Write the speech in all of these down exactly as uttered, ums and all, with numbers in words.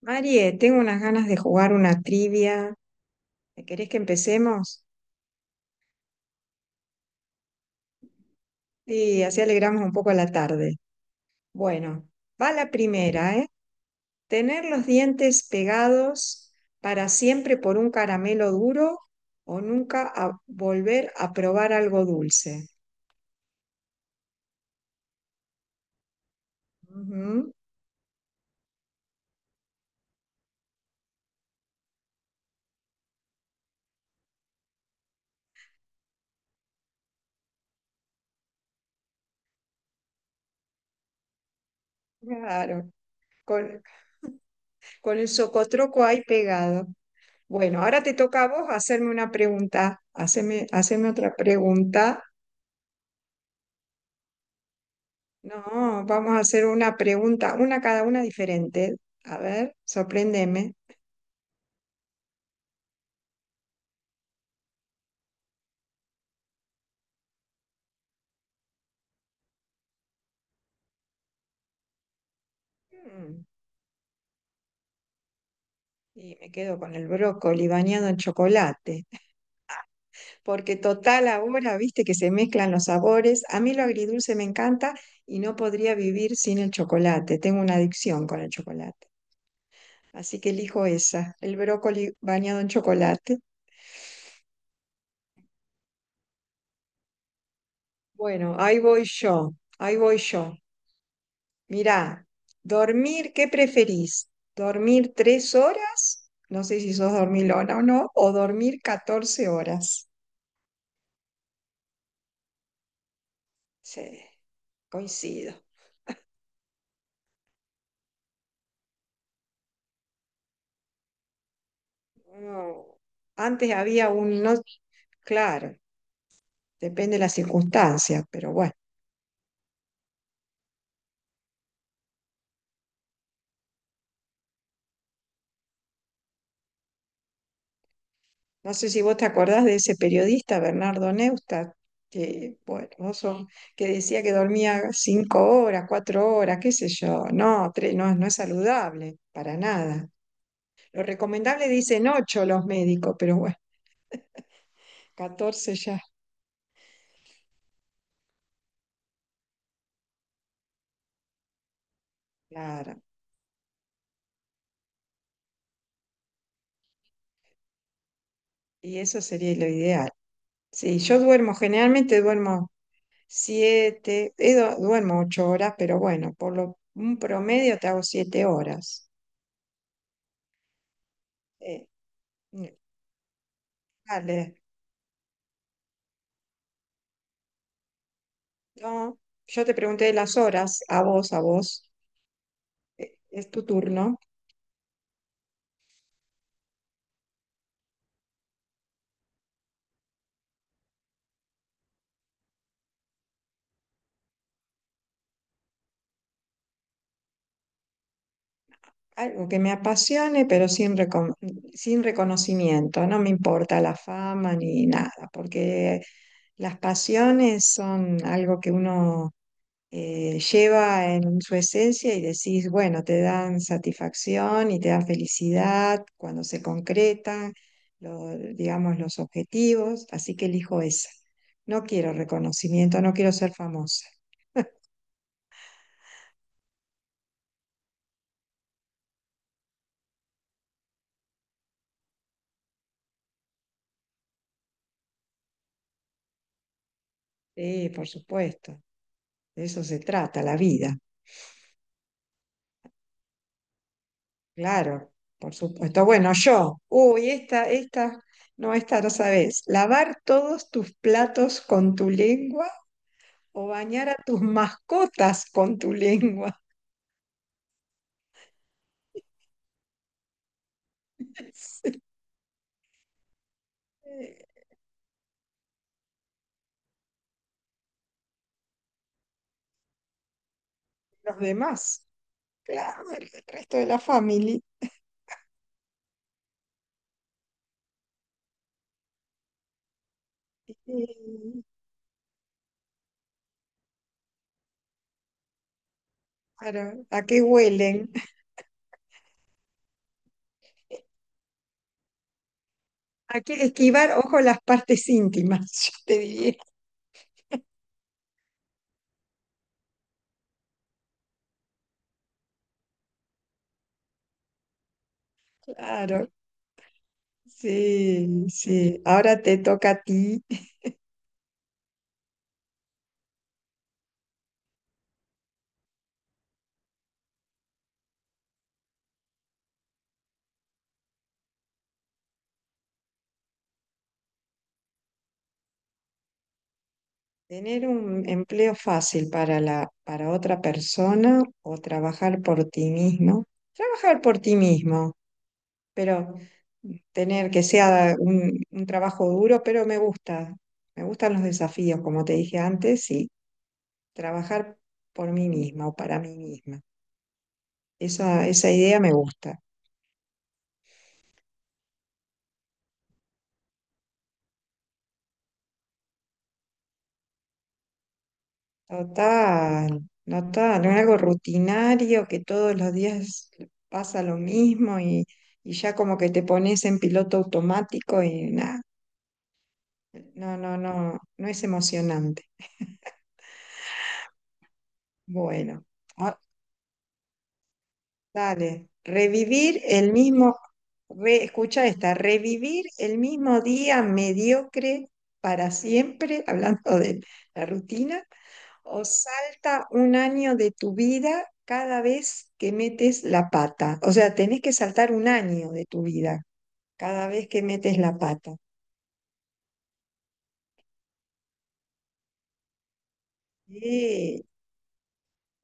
Marie, tengo unas ganas de jugar una trivia. ¿Querés que empecemos? Y así alegramos un poco la tarde. Bueno, va la primera, ¿eh? ¿Tener los dientes pegados para siempre por un caramelo duro o nunca a- volver a probar algo dulce? Ujú, claro, con, con el socotroco ahí pegado. Bueno, ahora te toca a vos hacerme una pregunta. Haceme, haceme otra pregunta. No, vamos a hacer una pregunta, una cada una diferente. A ver, sorpréndeme. Mm, Y me quedo con el brócoli bañado en chocolate, porque total ahora, viste que se mezclan los sabores. A mí lo agridulce me encanta y no podría vivir sin el chocolate. Tengo una adicción con el chocolate. Así que elijo esa, el brócoli bañado en chocolate. Bueno, ahí voy yo, ahí voy yo. Mirá, dormir, ¿qué preferís? ¿Dormir tres horas? No sé si sos dormilona o no, o dormir catorce horas. Sí, coincido. Uno- Antes había un, no, claro, depende de las circunstancias, pero bueno, no sé si vos te acordás de ese periodista, Bernardo Neustadt, que, bueno, vos sos- que decía que dormía cinco horas, cuatro horas, qué sé yo. No, tres, no, no es saludable, para nada. Lo recomendable dicen ocho los médicos, pero bueno, catorce ya. Claro. Y eso sería lo ideal. Sí, yo duermo, generalmente duermo siete, duermo ocho horas, pero bueno, por lo, un promedio te hago siete horas. Eh, dale. No, yo te pregunté las horas, a vos, a vos. Eh, Es tu turno. Algo que me apasione, pero sin, recon- sin reconocimiento. No me importa la fama ni nada, porque las pasiones son algo que uno eh, lleva en su esencia y decís, bueno, te dan satisfacción y te dan felicidad cuando se concretan, lo- digamos, los objetivos. Así que elijo esa. No quiero reconocimiento, no quiero ser famosa. Sí, por supuesto. De eso se trata la vida. Claro, por supuesto. Bueno, yo, uy, esta, esta, no, esta no sabes. Lavar todos tus platos con tu lengua o bañar a tus mascotas con tu lengua. Sí. Eh, los demás, claro, el el resto de la familia. Y, Claro, ¿a qué huelen? ¿A qué esquivar, ojo, las partes íntimas, yo te diría. Claro, sí, sí. Ahora te toca a ti tener un empleo fácil para la, para otra persona o trabajar por ti mismo. Trabajar por ti mismo, pero tener que sea un, un trabajo duro, pero me gusta. Me gustan los desafíos, como te dije antes, y trabajar por mí misma o para mí misma. Esa, esa idea me gusta. Total, total, es algo rutinario que todos los días pasa lo mismo y, y ya como que te pones en piloto automático y nada, no, no, no, no, es emocionante. Bueno, ah, dale, revivir el mismo, re- escucha esta, revivir el mismo día mediocre para siempre, hablando de la rutina, o salta un año de tu vida cada vez que metes la pata. O sea, tenés que saltar un año de tu vida cada vez que metes la pata. Eh,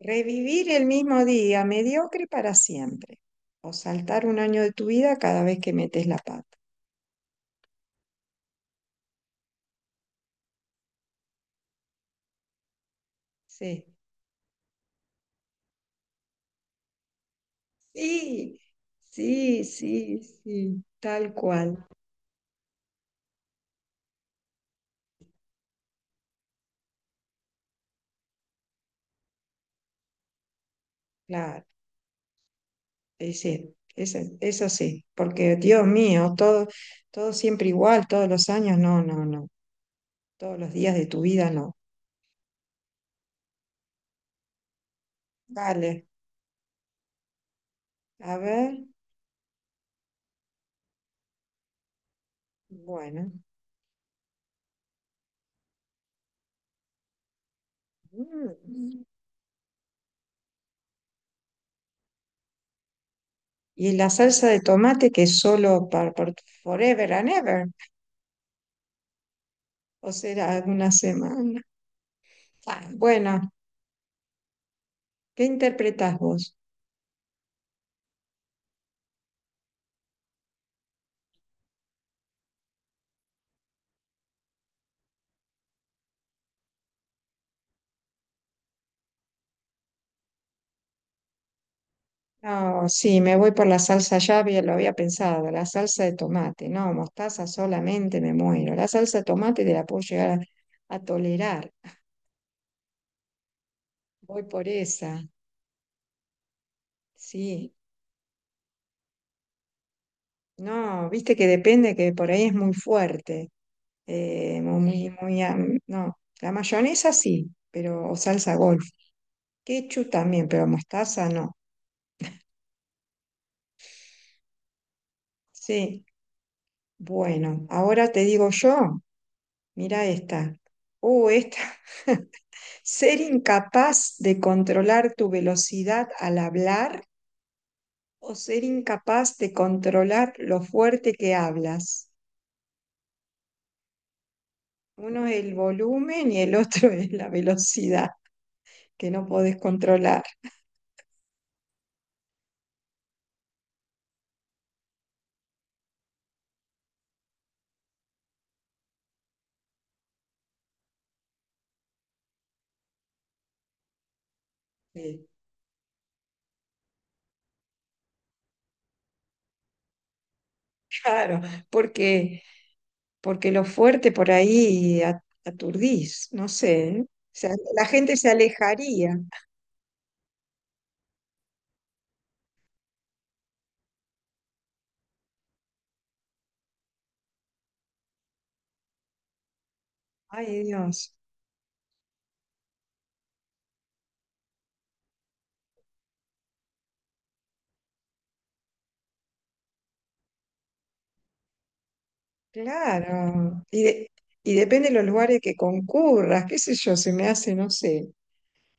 revivir el mismo día, mediocre para siempre. O saltar un año de tu vida cada vez que metes la pata. Sí, sí, sí, sí, sí, tal cual. Claro, eh, sí, eso, eso sí, porque Dios mío, todo, todo siempre igual, todos los años, no, no, no. Todos los días de tu vida, no. Vale, a ver, bueno. Mm. ¿Y la salsa de tomate que es solo para, forever and ever? ¿O será alguna semana? Ah, Bueno, ¿qué interpretás vos? No, sí, me voy por la salsa, ya había- lo había pensado, la salsa de tomate. No, mostaza solamente me muero. La salsa de tomate te la puedo llegar a, a tolerar. Voy por esa, sí. No, viste que depende que por ahí es muy fuerte. eh, muy, muy, am- no, la mayonesa sí, pero, o salsa golf. Ketchup también, pero mostaza no. Sí, bueno, ahora te digo yo, mira esta. Oh, esta. Ser incapaz de controlar tu velocidad al hablar o ser incapaz de controlar lo fuerte que hablas. Uno es el volumen y el otro es la velocidad que no podés controlar. Sí. Claro, porque porque lo fuerte por ahí a- aturdís, no sé, ¿eh? O sea, la gente se alejaría. Ay, Dios, claro. Y, de- y depende de los lugares que concurras, qué sé yo, se me hace, no sé.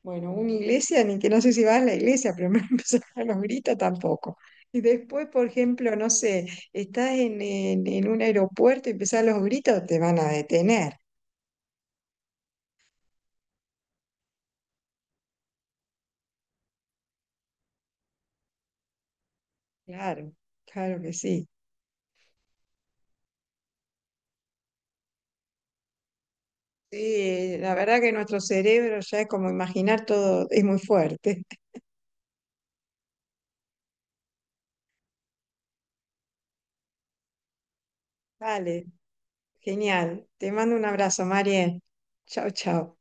Bueno, una iglesia, ni que no sé si vas a la iglesia, pero me empezar a los gritos tampoco. Y después, por ejemplo, no sé, estás en, en, en un aeropuerto y empezás los gritos, te van a detener. Claro, claro que sí. Sí, la verdad que nuestro cerebro ya es como imaginar todo, es muy fuerte. Vale, genial. Te mando un abrazo, María. Chao, chao.